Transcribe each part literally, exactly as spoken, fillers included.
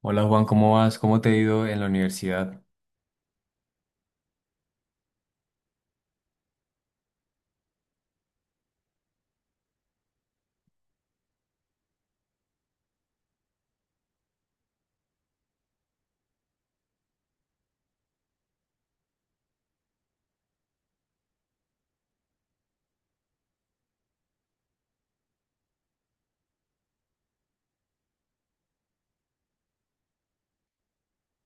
Hola Juan, ¿cómo vas? ¿Cómo te ha ido en la universidad?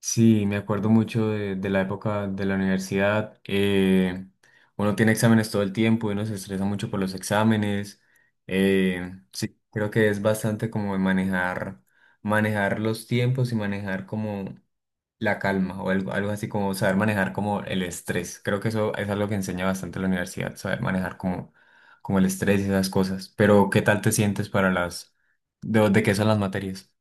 Sí, me acuerdo mucho de, de la época de la universidad. Eh, uno tiene exámenes todo el tiempo y uno se estresa mucho por los exámenes. Eh, sí, creo que es bastante como de manejar, manejar los tiempos y manejar como la calma o algo, algo así como saber manejar como el estrés. Creo que eso es algo que enseña bastante la universidad, saber manejar como, como el estrés y esas cosas. Pero, ¿qué tal te sientes para las, de, de qué son las materias?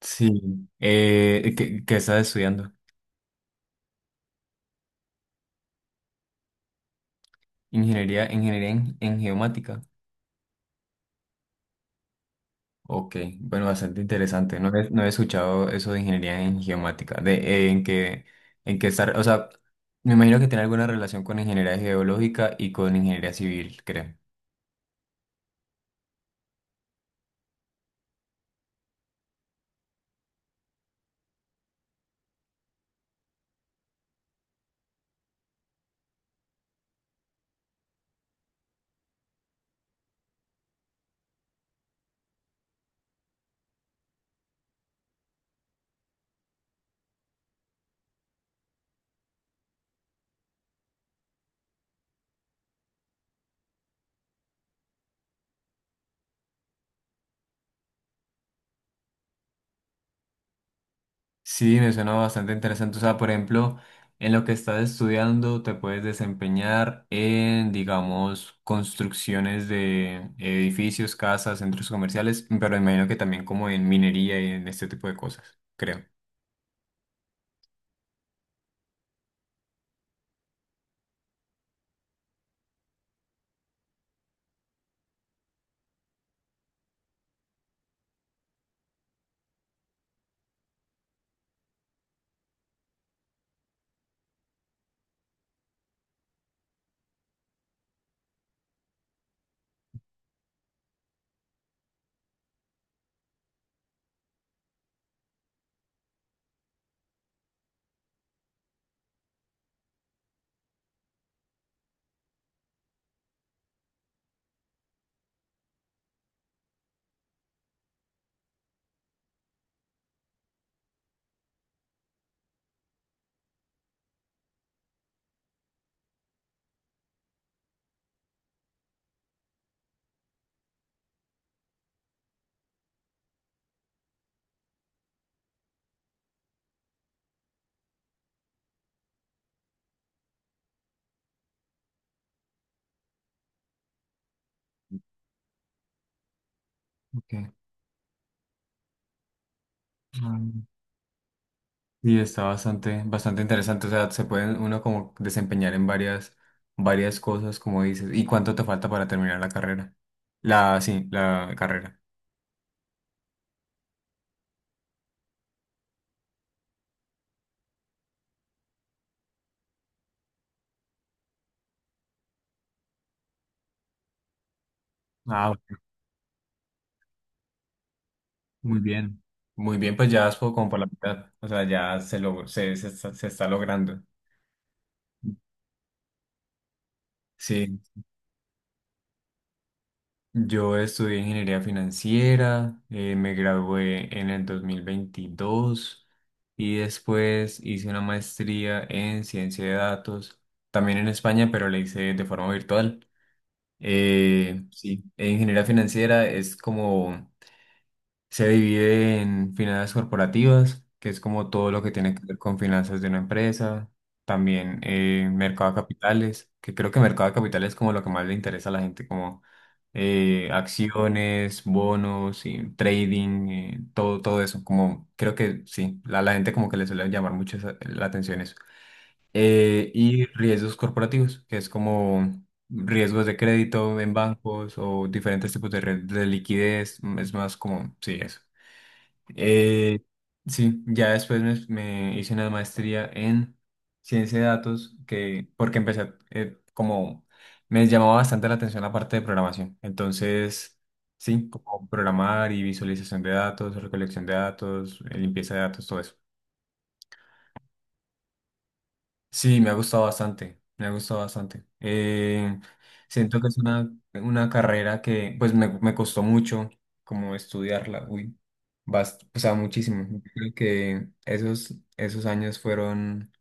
Sí. Eh, ¿qué, qué estás estudiando? Ingeniería, ingeniería en, en geomática. Ok, bueno, bastante interesante. No he, no he escuchado eso de ingeniería en geomática. De, eh, en qué, en qué estar, o sea, me imagino que tiene alguna relación con ingeniería geológica y con ingeniería civil, creo. Sí, me suena bastante interesante. O sea, por ejemplo, en lo que estás estudiando te puedes desempeñar en, digamos, construcciones de edificios, casas, centros comerciales, pero me imagino que también como en minería y en este tipo de cosas, creo. Okay. Mm. Y está bastante, bastante interesante. O sea, se puede uno como desempeñar en varias, varias cosas, como dices. ¿Y cuánto te falta para terminar la carrera? La, sí, la carrera. Ah. Muy bien. Muy bien, pues ya vas por- como por la mitad. O sea, ya se, lo, se, se está, se está logrando. Sí, yo estudié ingeniería financiera, eh, me gradué en el dos mil veintidós y después hice una maestría en ciencia de datos, también en España, pero la hice de forma virtual. Eh, sí, en ingeniería financiera es como. Se divide en finanzas corporativas, que es como todo lo que tiene que ver con finanzas de una empresa. También eh, mercado de capitales, que creo que mercado de capitales es como lo que más le interesa a la gente, como eh, acciones, bonos, y trading, eh, todo, todo eso. Como creo que sí, la, la gente como que le suele llamar mucho esa- la atención eso. Eh, y riesgos corporativos, que es como riesgos de crédito en bancos o diferentes tipos de red de liquidez. mm, Es más como, sí, eso. Eh, sí, ya después me, me hice una maestría en ciencia de datos que, porque empecé a- eh, como me llamaba bastante la atención la parte de programación. Entonces, sí, como programar y visualización de datos, recolección de datos, eh, limpieza de datos, todo eso. Sí, me ha gustado bastante, me ha gustado bastante. Eh, siento que es una, una carrera que pues me, me costó mucho como estudiarla, uy, bast- o sea, muchísimo. Yo creo que esos, esos años fueron,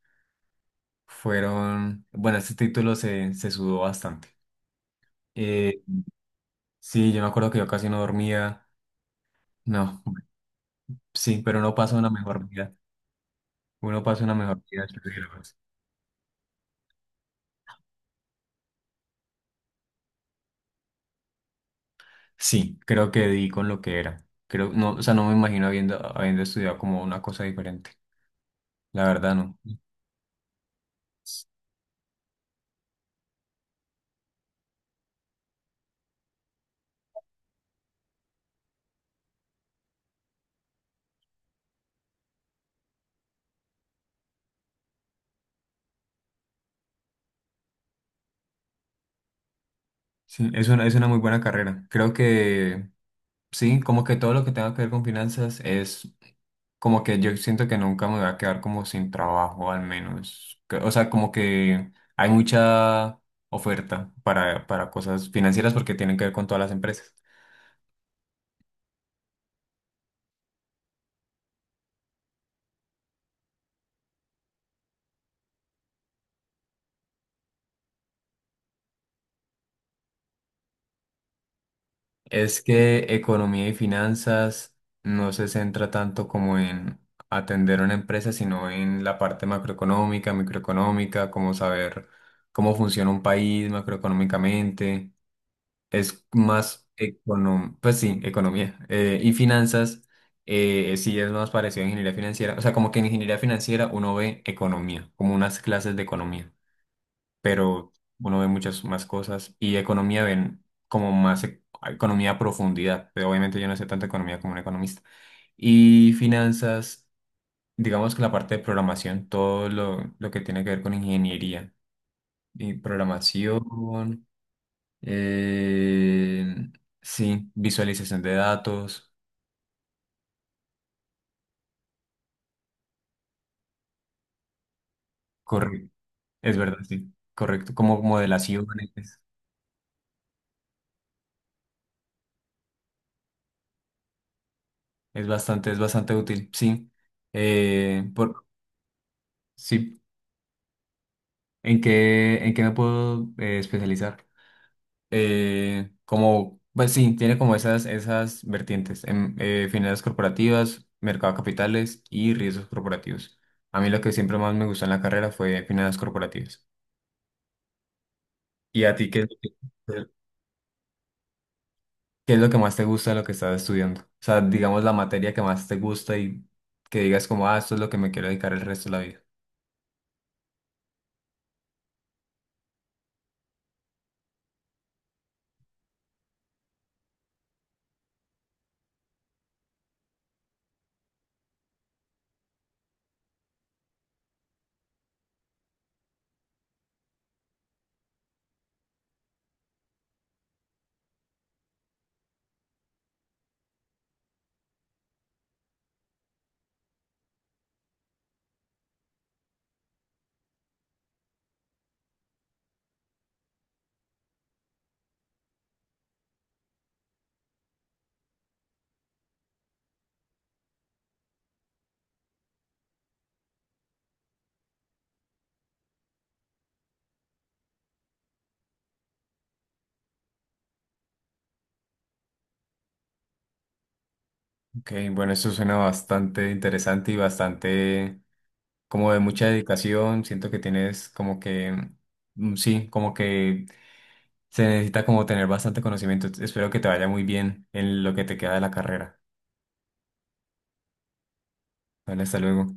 fueron, bueno, este título se, se sudó bastante. Eh, sí, yo me acuerdo que yo casi no dormía, no, sí, pero uno pasa una mejor vida, uno pasa una mejor vida. Sí, creo que di con lo que era. Creo, no, o sea, no me imagino habiendo, habiendo estudiado como una cosa diferente. La verdad, no. Sí, es una, es una muy buena carrera. Creo que sí, como que todo lo que tenga que ver con finanzas es como que yo siento que nunca me voy a quedar como sin trabajo, al menos. Que- O sea, como que hay mucha oferta para, para cosas financieras porque tienen que ver con todas las empresas. Es que economía y finanzas no se centra tanto como en atender una empresa, sino en la parte macroeconómica, microeconómica, como saber cómo funciona un país macroeconómicamente. Es más econom, pues sí, economía. Eh, y finanzas eh, sí es más parecido a ingeniería financiera. O sea, como que en ingeniería financiera uno ve economía, como unas clases de economía pero uno ve muchas más cosas y economía ven como más e- economía a profundidad, pero obviamente yo no sé tanto economía como un economista. Y finanzas, digamos que la parte de programación, todo lo, lo que tiene que ver con ingeniería y programación, eh, sí, visualización de datos, correcto, es verdad, sí, correcto, como modelaciones, es bastante, es bastante útil, sí. Eh, por, sí, ¿En qué, en qué me puedo eh, especializar? Eh, como, pues sí, tiene como esas, esas vertientes, en, eh, finanzas corporativas, mercado de capitales y riesgos corporativos. A mí lo que siempre más me gustó en la carrera fue finanzas corporativas. ¿Y a ti qué, es lo que- ¿Qué es lo que más te gusta de lo que estás estudiando? O sea, digamos la materia que más te gusta y que digas como, ah, esto es lo que me quiero dedicar el resto de la vida. Ok, bueno, esto suena bastante interesante y bastante como de mucha dedicación, siento que tienes como que, mm, sí, como que se necesita como tener bastante conocimiento. Espero que te vaya muy bien en lo que te queda de la carrera. Vale, hasta luego.